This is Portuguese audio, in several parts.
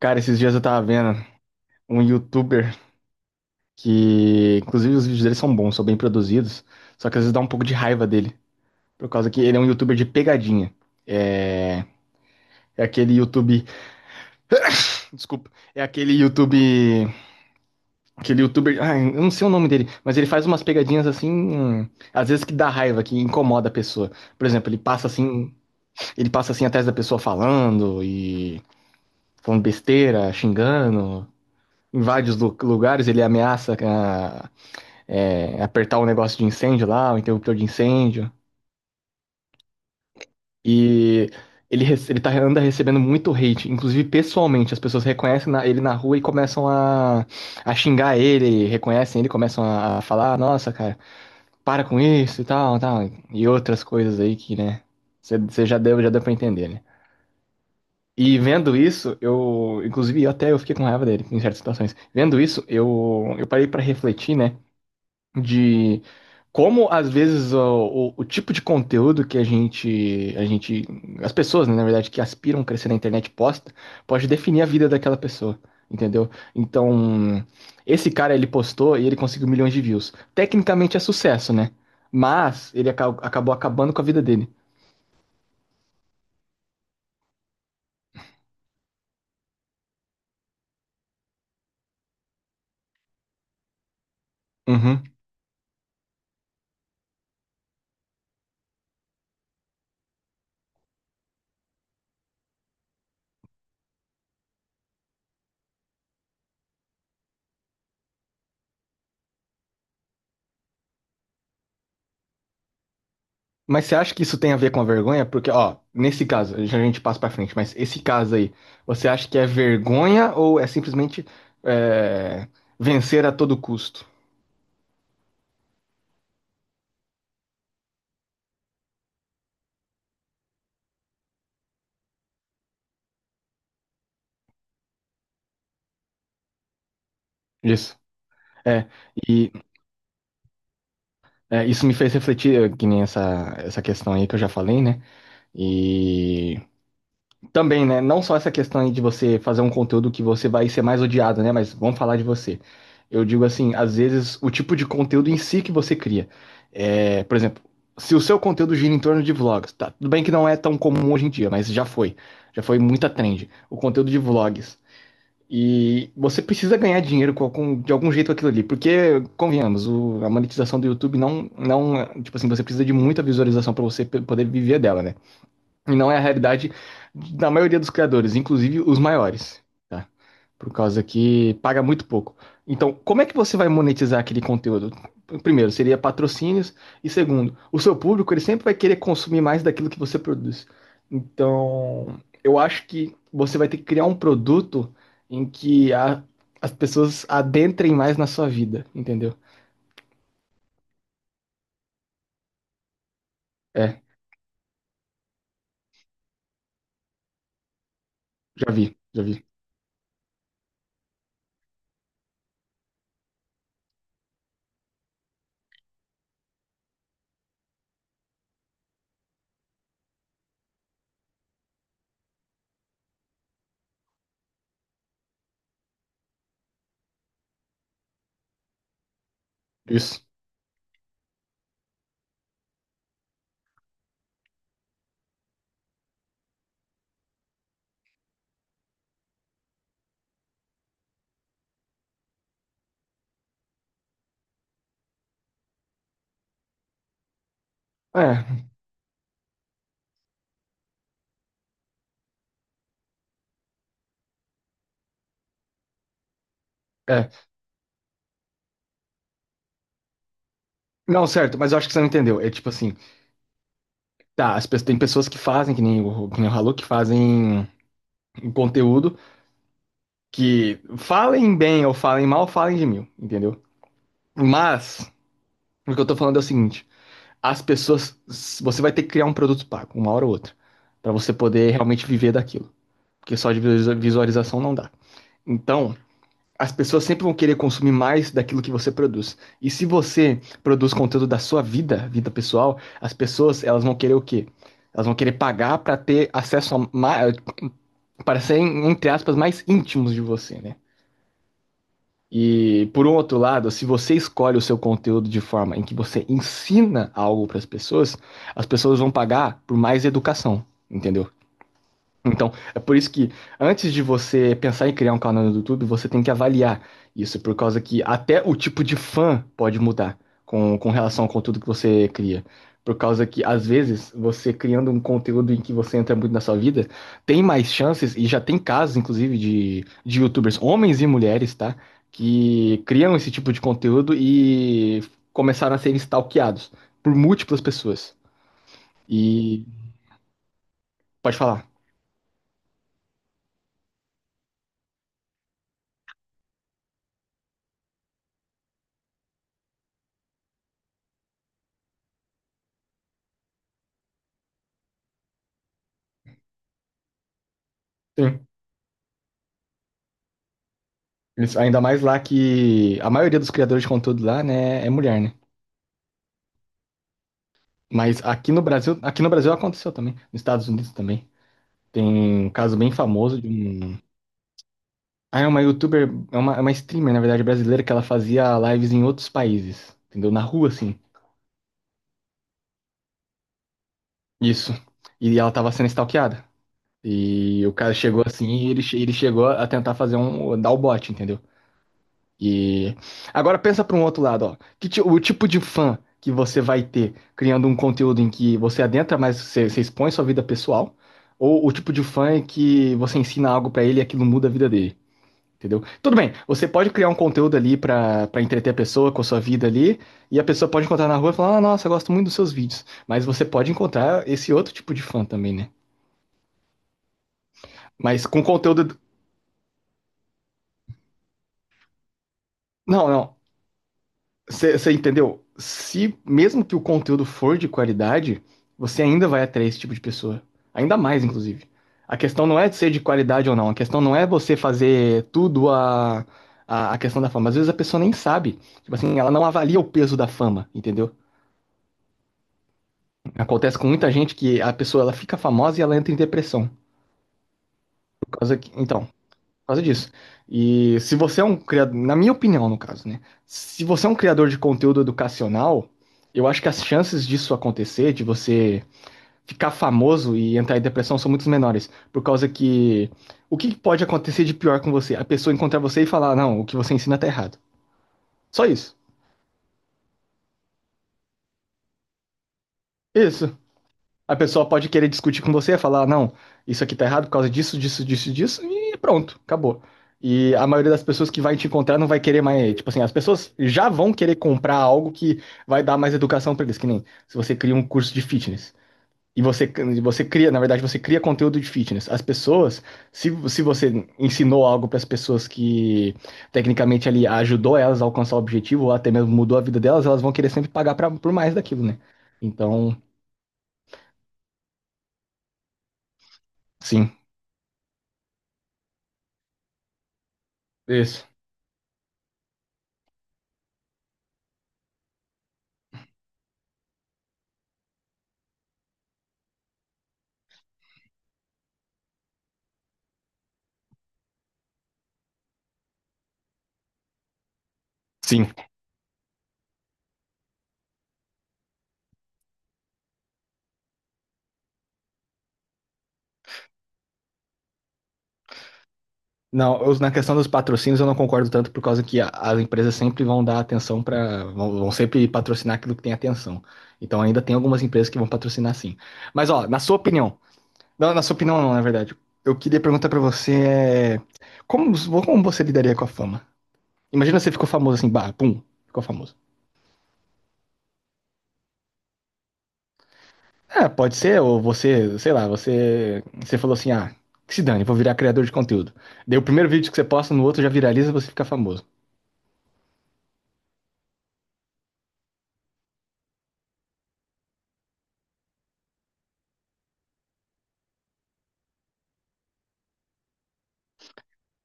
Cara, esses dias eu tava vendo um youtuber que, inclusive, os vídeos dele são bons, são bem produzidos, só que às vezes dá um pouco de raiva dele, por causa que ele é um youtuber de pegadinha. É, é aquele YouTube, desculpa, é aquele YouTube, aquele youtuber, ah, eu não sei o nome dele, mas ele faz umas pegadinhas assim, às vezes que dá raiva, que incomoda a pessoa. Por exemplo, ele passa assim atrás da pessoa falando e falando besteira, xingando, invade os lugares, ele ameaça ah, é, apertar o negócio de incêndio lá, o interruptor de incêndio. E ele, ele tá, anda recebendo muito hate, inclusive pessoalmente. As pessoas reconhecem ele na rua e começam a xingar ele, reconhecem ele, começam a falar: "Ah, nossa, cara, para com isso e tal, tal. E outras coisas aí que, né, você já deu pra entender, né? E vendo isso, eu, inclusive, eu até eu fiquei com raiva dele em certas situações. Vendo isso, eu parei pra refletir, né? De como às vezes o, o tipo de conteúdo que a gente, as pessoas, né, na verdade, que aspiram a crescer na internet posta, pode definir a vida daquela pessoa, entendeu? Então, esse cara ele postou e ele conseguiu milhões de views. Tecnicamente é sucesso, né? Mas ele acabou acabando com a vida dele. Uhum. Mas você acha que isso tem a ver com a vergonha? Porque, ó, nesse caso, já a gente passa pra frente, mas esse caso aí, você acha que é vergonha ou é simplesmente é, vencer a todo custo? Isso. É, e é, isso me fez refletir, que nem essa, essa questão aí que eu já falei, né? E também, né? Não só essa questão aí de você fazer um conteúdo que você vai ser mais odiado, né? Mas vamos falar de você. Eu digo assim, às vezes o tipo de conteúdo em si que você cria. É, por exemplo, se o seu conteúdo gira em torno de vlogs, tá? Tudo bem que não é tão comum hoje em dia, mas já foi. Já foi muita trend. O conteúdo de vlogs. E você precisa ganhar dinheiro com de algum jeito com aquilo ali. Porque, convenhamos, a monetização do YouTube não, não. Tipo assim, você precisa de muita visualização para você poder viver dela, né? E não é a realidade da maioria dos criadores, inclusive os maiores, tá? Por causa que paga muito pouco. Então, como é que você vai monetizar aquele conteúdo? Primeiro, seria patrocínios. E segundo, o seu público, ele sempre vai querer consumir mais daquilo que você produz. Então, eu acho que você vai ter que criar um produto em que as pessoas adentrem mais na sua vida, entendeu? É, já vi, já vi. Isso. É, é. Não, certo, mas eu acho que você não entendeu. É tipo assim. Tá, as pessoas, tem pessoas que fazem, que nem, que nem o Halu, que fazem um conteúdo que falem bem ou falem mal, falem de mil, entendeu? Mas, o que eu tô falando é o seguinte: as pessoas. Você vai ter que criar um produto pago, uma hora ou outra, pra você poder realmente viver daquilo. Porque só de visualização não dá. Então, as pessoas sempre vão querer consumir mais daquilo que você produz. E se você produz conteúdo da sua vida, vida pessoal, as pessoas, elas vão querer o quê? Elas vão querer pagar para ter acesso a mais, parecerem, entre aspas, mais íntimos de você, né? E por um outro lado, se você escolhe o seu conteúdo de forma em que você ensina algo para as pessoas vão pagar por mais educação, entendeu? Então, é por isso que antes de você pensar em criar um canal no YouTube, você tem que avaliar isso, por causa que até o tipo de fã pode mudar com relação ao conteúdo que você cria. Por causa que, às vezes, você criando um conteúdo em que você entra muito na sua vida, tem mais chances, e já tem casos, inclusive, de YouTubers, homens e mulheres, tá? Que criam esse tipo de conteúdo e começaram a ser stalkeados por múltiplas pessoas. E pode falar. Sim. Eles- Ainda mais lá que a maioria dos criadores de conteúdo lá, né, é mulher, né? Mas aqui no Brasil aconteceu também, nos Estados Unidos também. Tem um caso bem famoso de um. Ah, é uma youtuber, é uma streamer, na verdade, brasileira, que ela fazia lives em outros países, entendeu? Na rua, assim. Isso. E ela tava sendo stalkeada. E o cara chegou assim e ele, ele chegou a tentar fazer um. Dar o bote, entendeu? E agora pensa para um outro lado, ó. Que o tipo de fã que você vai ter criando um conteúdo em que você adentra, mas você, você expõe sua vida pessoal, ou o tipo de fã em que você ensina algo para ele e aquilo muda a vida dele, entendeu? Tudo bem, você pode criar um conteúdo ali para para entreter a pessoa com a sua vida ali, e a pessoa pode encontrar na rua e falar: "Ah, nossa, eu gosto muito dos seus vídeos". Mas você pode encontrar esse outro tipo de fã também, né? Mas com conteúdo não, não. Você entendeu? Se mesmo que o conteúdo for de qualidade, você ainda vai atrair esse tipo de pessoa. Ainda mais, inclusive. A questão não é de ser de qualidade ou não. A questão não é você fazer tudo a questão da fama. Às vezes a pessoa nem sabe. Tipo assim, ela não avalia o peso da fama, entendeu? Acontece com muita gente que a pessoa ela fica famosa e ela entra em depressão. Por causa que- então, por causa disso. E se você é um criador, na minha opinião, no caso, né? Se você é um criador de conteúdo educacional, eu acho que as chances disso acontecer, de você ficar famoso e entrar em depressão, são muito menores. Por causa que o que pode acontecer de pior com você? A pessoa encontrar você e falar, não, o que você ensina tá errado. Só isso. Isso. A pessoa pode querer discutir com você, falar, não, isso aqui tá errado por causa disso, disso, disso, disso, e pronto, acabou. E a maioria das pessoas que vai te encontrar não vai querer mais, tipo assim, as pessoas já vão querer comprar algo que vai dar mais educação pra eles, que nem se você cria um curso de fitness. E você, você cria, na verdade, você cria conteúdo de fitness. As pessoas, se você ensinou algo para as pessoas que tecnicamente ali ajudou elas a alcançar o objetivo, ou até mesmo mudou a vida delas, elas vão querer sempre pagar pra, por mais daquilo, né? Então, sim. Isso. Sim. Não, eu- na questão dos patrocínios eu não concordo tanto por causa que as empresas sempre vão dar atenção para, vão, vão sempre patrocinar aquilo que tem atenção. Então ainda tem algumas empresas que vão patrocinar sim. Mas ó, na sua opinião, não, na sua opinião não, na verdade. Eu queria perguntar pra você é, como, como você lidaria com a fama? Imagina você ficou famoso assim, bah, pum, ficou famoso. É, pode ser, ou você, sei lá, você, você falou assim, ah, que se dane, vou virar criador de conteúdo. Daí o primeiro vídeo que você posta no outro já viraliza e você fica famoso.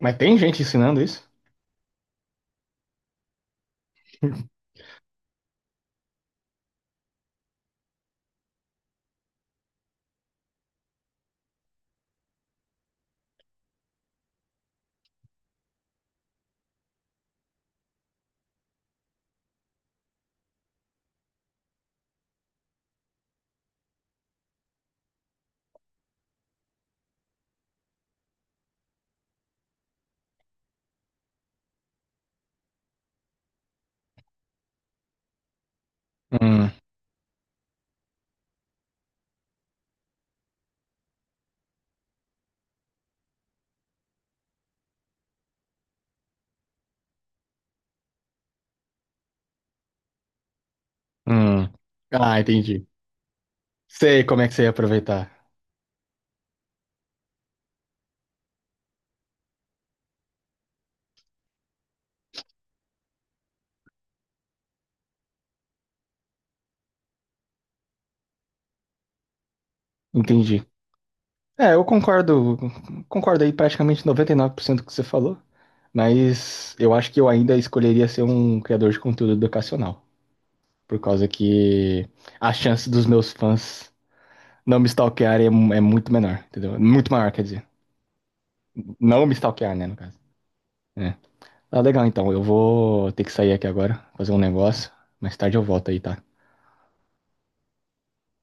Mas tem gente ensinando isso? Hum, hum. Ah, entendi. Sei como é que você ia aproveitar. Entendi. É, eu concordo, concordo aí praticamente 99% do que você falou, mas eu acho que eu ainda escolheria ser um criador de conteúdo educacional, por causa que a chance dos meus fãs não me stalkearem é, é muito menor, entendeu? Muito maior, quer dizer. Não me stalkear, né, no caso. É. Ah, legal, então. Eu vou ter que sair aqui agora, fazer um negócio. Mais tarde eu volto aí, tá?